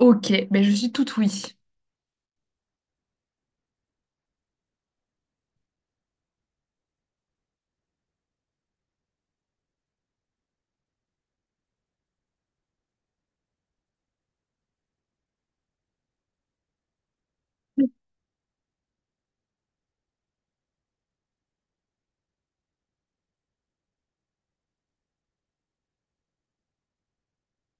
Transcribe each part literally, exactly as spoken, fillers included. Ok, ben je suis toute oui.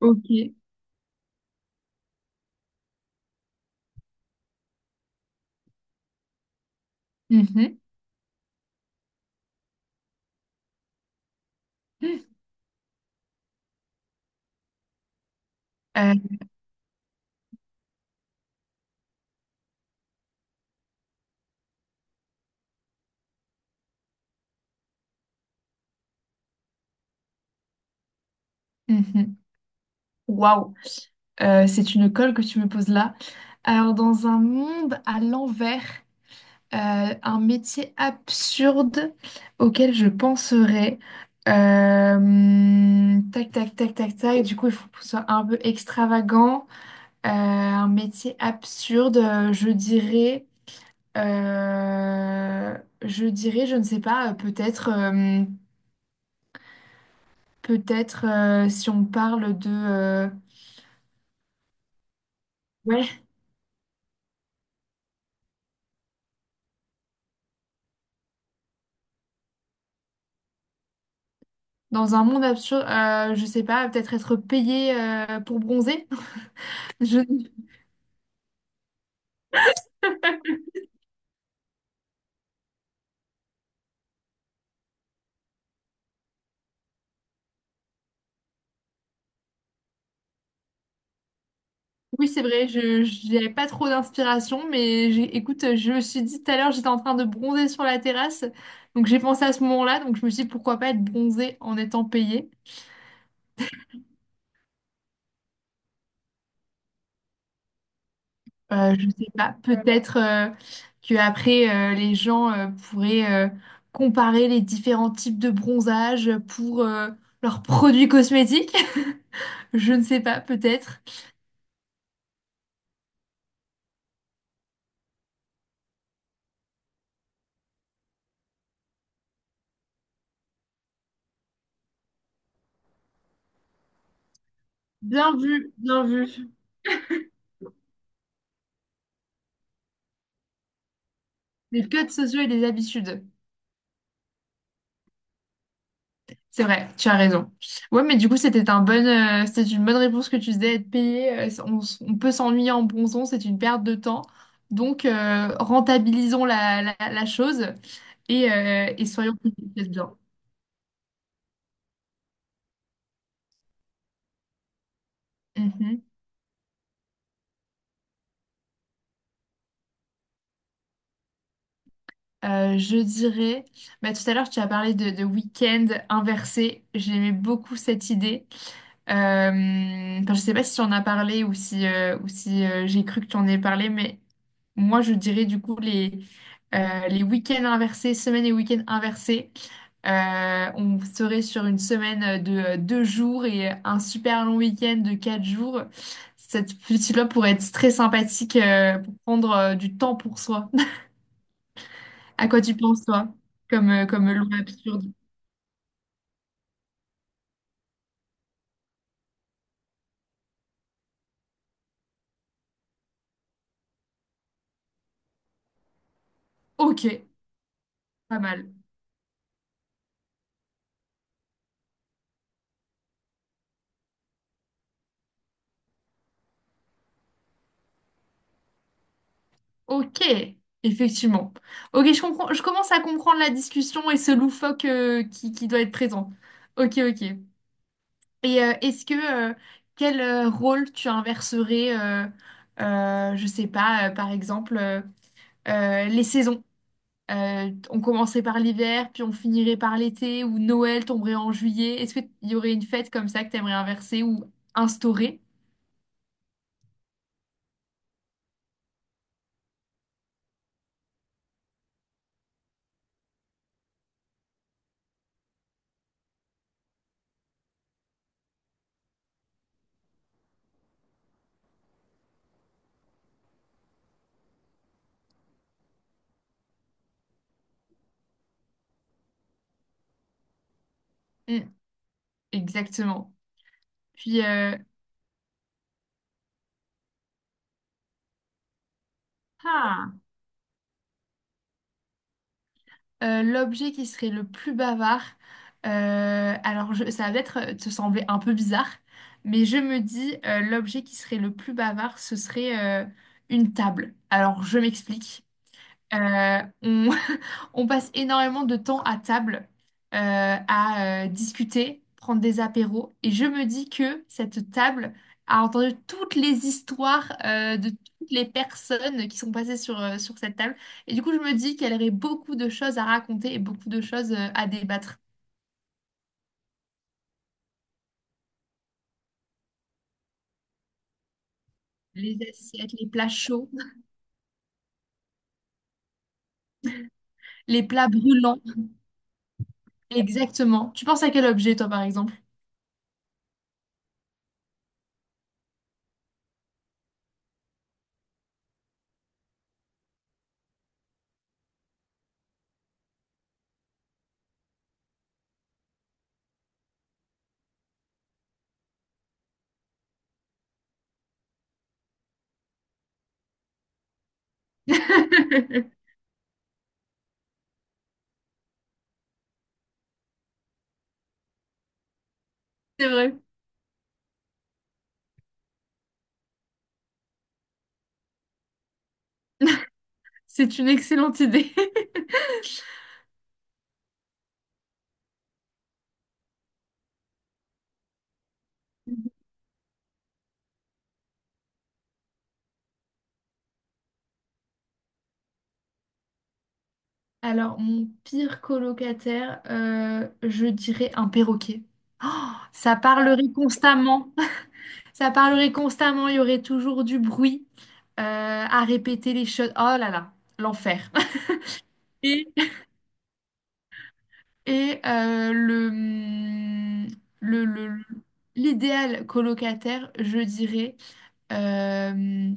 Ok. Mhm. Euh, mhm. Waouh. Euh, c'est une colle que tu me poses là. Alors, dans un monde à l'envers, euh, un métier absurde auquel je penserais. Euh, tac, tac, tac, tac, tac. Du coup, il faut que ce soit un peu extravagant. Euh, un métier absurde, euh, je dirais. euh, je dirais, je ne sais pas, euh, peut-être. euh, Peut-être euh, si on parle de... euh, Ouais, dans un monde absurde, euh, je sais pas, peut-être être payé euh, pour bronzer. Je... Oui, c'est vrai, je j'avais pas trop d'inspiration, mais j'ai- écoute, je me suis dit tout à l'heure, j'étais en train de bronzer sur la terrasse, donc j'ai pensé à ce moment-là, donc je me suis dit pourquoi pas être bronzé en étant payé. Euh, je sais pas, peut-être euh, que après euh, les gens euh, pourraient euh, comparer les différents types de bronzage pour euh, leurs produits cosmétiques. Je ne sais pas, peut-être. Bien, les codes sociaux et les habitudes. C'est vrai, tu as raison. Ouais, mais du coup, c'était un bon, euh, c'était une bonne réponse que tu disais, être payé. Euh, on, s- on peut s'ennuyer en bronzant, c'est une perte de temps. Donc, euh, rentabilisons la, la, la chose et, euh, et soyons plus efficaces bien. Mhm. Euh, je dirais, bah, tout à l'heure tu as parlé de, de week-end inversé, j'aimais beaucoup cette idée. Euh, enfin, je sais pas si tu en as parlé ou si, euh, ou si euh, j'ai cru que tu en ai parlé, mais moi je dirais du coup les, euh, les week-ends inversés, semaines et week-ends inversés. Euh, on serait sur une semaine de euh, deux jours et un super long week-end de quatre jours. Cette petite-là pourrait être très sympathique euh, pour prendre euh, du temps pour soi. À quoi tu penses, toi, comme, euh, comme loi absurde? Ok, pas mal. Ok, effectivement. Ok, je comprends, je commence à comprendre la discussion et ce loufoque euh, qui, qui doit être présent. Ok, ok. Et euh, est-ce que euh, quel euh, rôle tu inverserais, euh, euh, je sais pas, euh, par exemple, euh, euh, les saisons? Euh, on commencerait par l'hiver, puis on finirait par l'été, ou Noël tomberait en juillet. Est-ce qu'il y aurait une fête comme ça que tu aimerais inverser ou instaurer? Mm, exactement. Puis, euh, ah, euh, l'objet qui serait le plus bavard, euh, alors je- ça va peut-être euh, te sembler un peu bizarre, mais je me dis, euh, l'objet qui serait le plus bavard, ce serait euh, une table. Alors, je m'explique. Euh, on, on passe énormément de temps à table, euh, à euh, discuter, prendre des apéros. Et je me dis que cette table a entendu toutes les histoires euh, de toutes les personnes qui sont passées sur, euh, sur cette table. Et du coup, je me dis qu'elle aurait beaucoup de choses à raconter et beaucoup de choses euh, à débattre. Les assiettes, les plats chauds, les plats brûlants. Exactement. Tu penses à quel objet, toi, par exemple? C'est vrai. C'est une excellente idée. Alors, mon pire colocataire, euh, je dirais un perroquet. Oh, ça parlerait constamment. Ça parlerait constamment. Il y aurait toujours du bruit euh, à répéter les choses. Oh là là, l'enfer. Et, et, euh, le, le, le- l'idéal colocataire, je dirais. euh,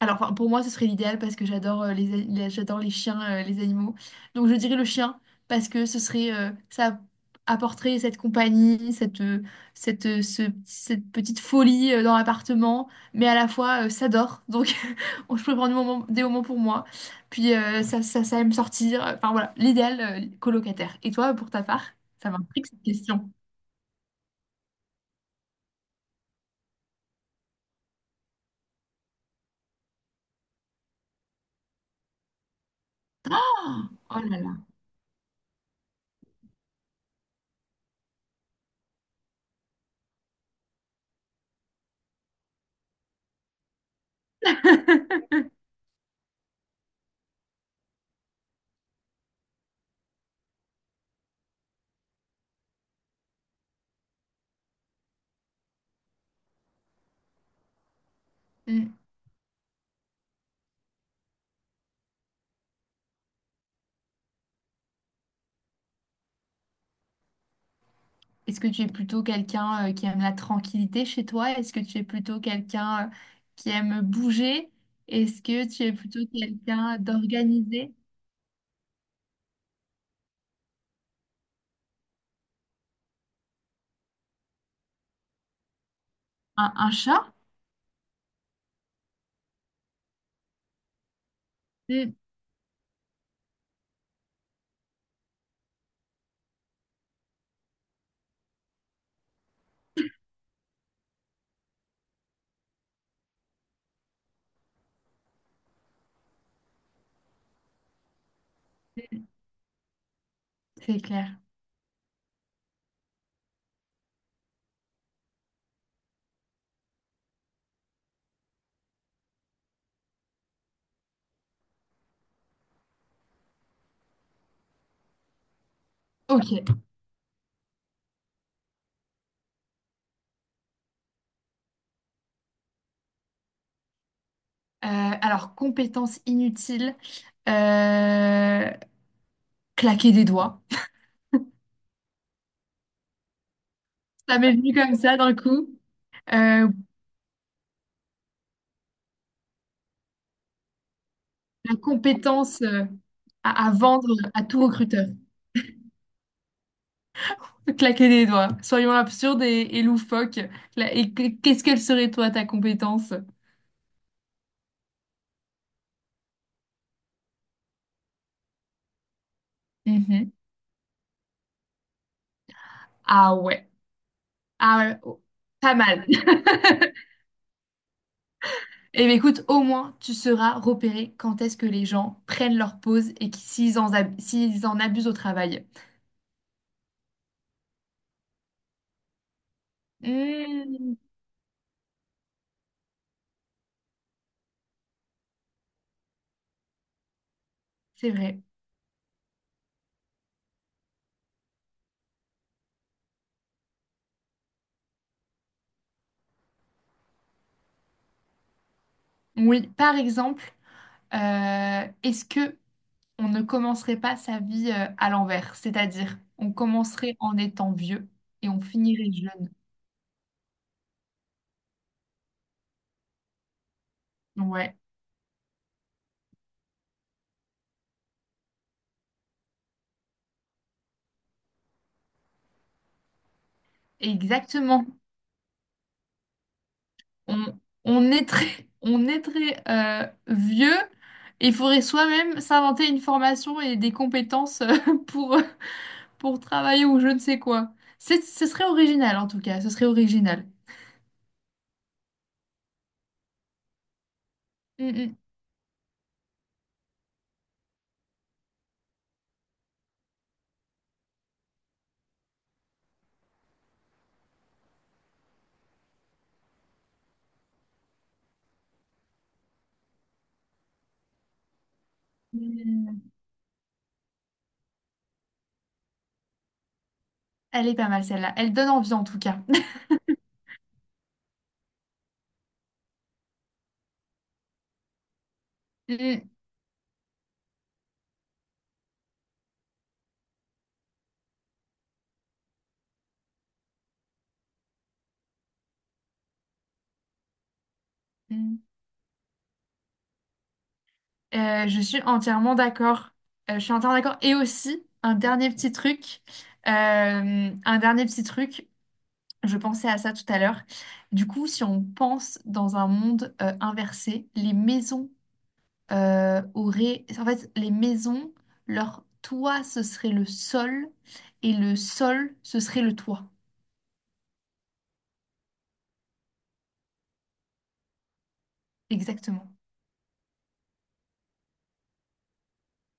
Alors, enfin, pour moi, ce serait l'idéal parce que j'adore euh, les, a- les- j'adore les chiens, euh, les animaux. Donc, je dirais le chien parce que ce serait, euh, ça apporterait cette compagnie, cette, euh, cette, euh, ce- cette petite folie euh, dans l'appartement, mais à la fois, euh, ça dort. Donc, je peux prendre des moments, des moments pour moi. Puis, euh, ça, ça, ça aime sortir. Enfin, voilà, l'idéal, euh, colocataire. Et toi, pour ta part, ça m'intrigue cette question. Oh là là. Mm. Est-ce que tu es plutôt quelqu'un euh, qui aime la tranquillité chez toi? Est-ce que tu es plutôt quelqu'un euh, qui aime bouger? Est-ce que tu es plutôt quelqu'un d'organisé? Un, un chat? Mm. C'est clair. Ok. Euh, alors, compétence inutile, euh, claquer des doigts. Ça m'est venu comme ça d'un coup. Euh, la compétence euh, à, à vendre à tout recruteur. Claquer des doigts. Soyons absurdes et, et loufoques. La- Et que- qu'est-ce qu'elle serait toi, ta compétence? Mhm. Ah ouais. Ah ouais. Oh, pas mal. Eh bien, écoute, au moins, tu seras repéré quand est-ce que les gens prennent leur pause et qui- s'ils en, ab- s'ils en abusent au travail. Hmm, c'est vrai. Oui, par exemple, euh, est-ce que on ne commencerait pas sa vie euh, à l'envers? C'est-à-dire, on commencerait en étant vieux et on finirait jeune. Ouais, exactement. on, on est très, on est très euh, vieux et il faudrait soi-même s'inventer une formation et des compétences euh, pour, pour travailler ou je ne sais quoi. C'est, ce serait original en tout cas, ce serait original. Mm, mm. Mm. Elle est pas mal celle-là, elle donne envie en tout cas. Mm, mm. Euh, je suis entièrement d'accord. Euh, je suis entièrement d'accord. Et aussi, un dernier petit truc. Euh, un dernier petit truc. Je pensais à ça tout à l'heure. Du coup, si on pense dans un monde euh, inversé, les maisons euh, auraient... En fait, les maisons, leur toit, ce serait le sol, et le sol, ce serait le toit. Exactement.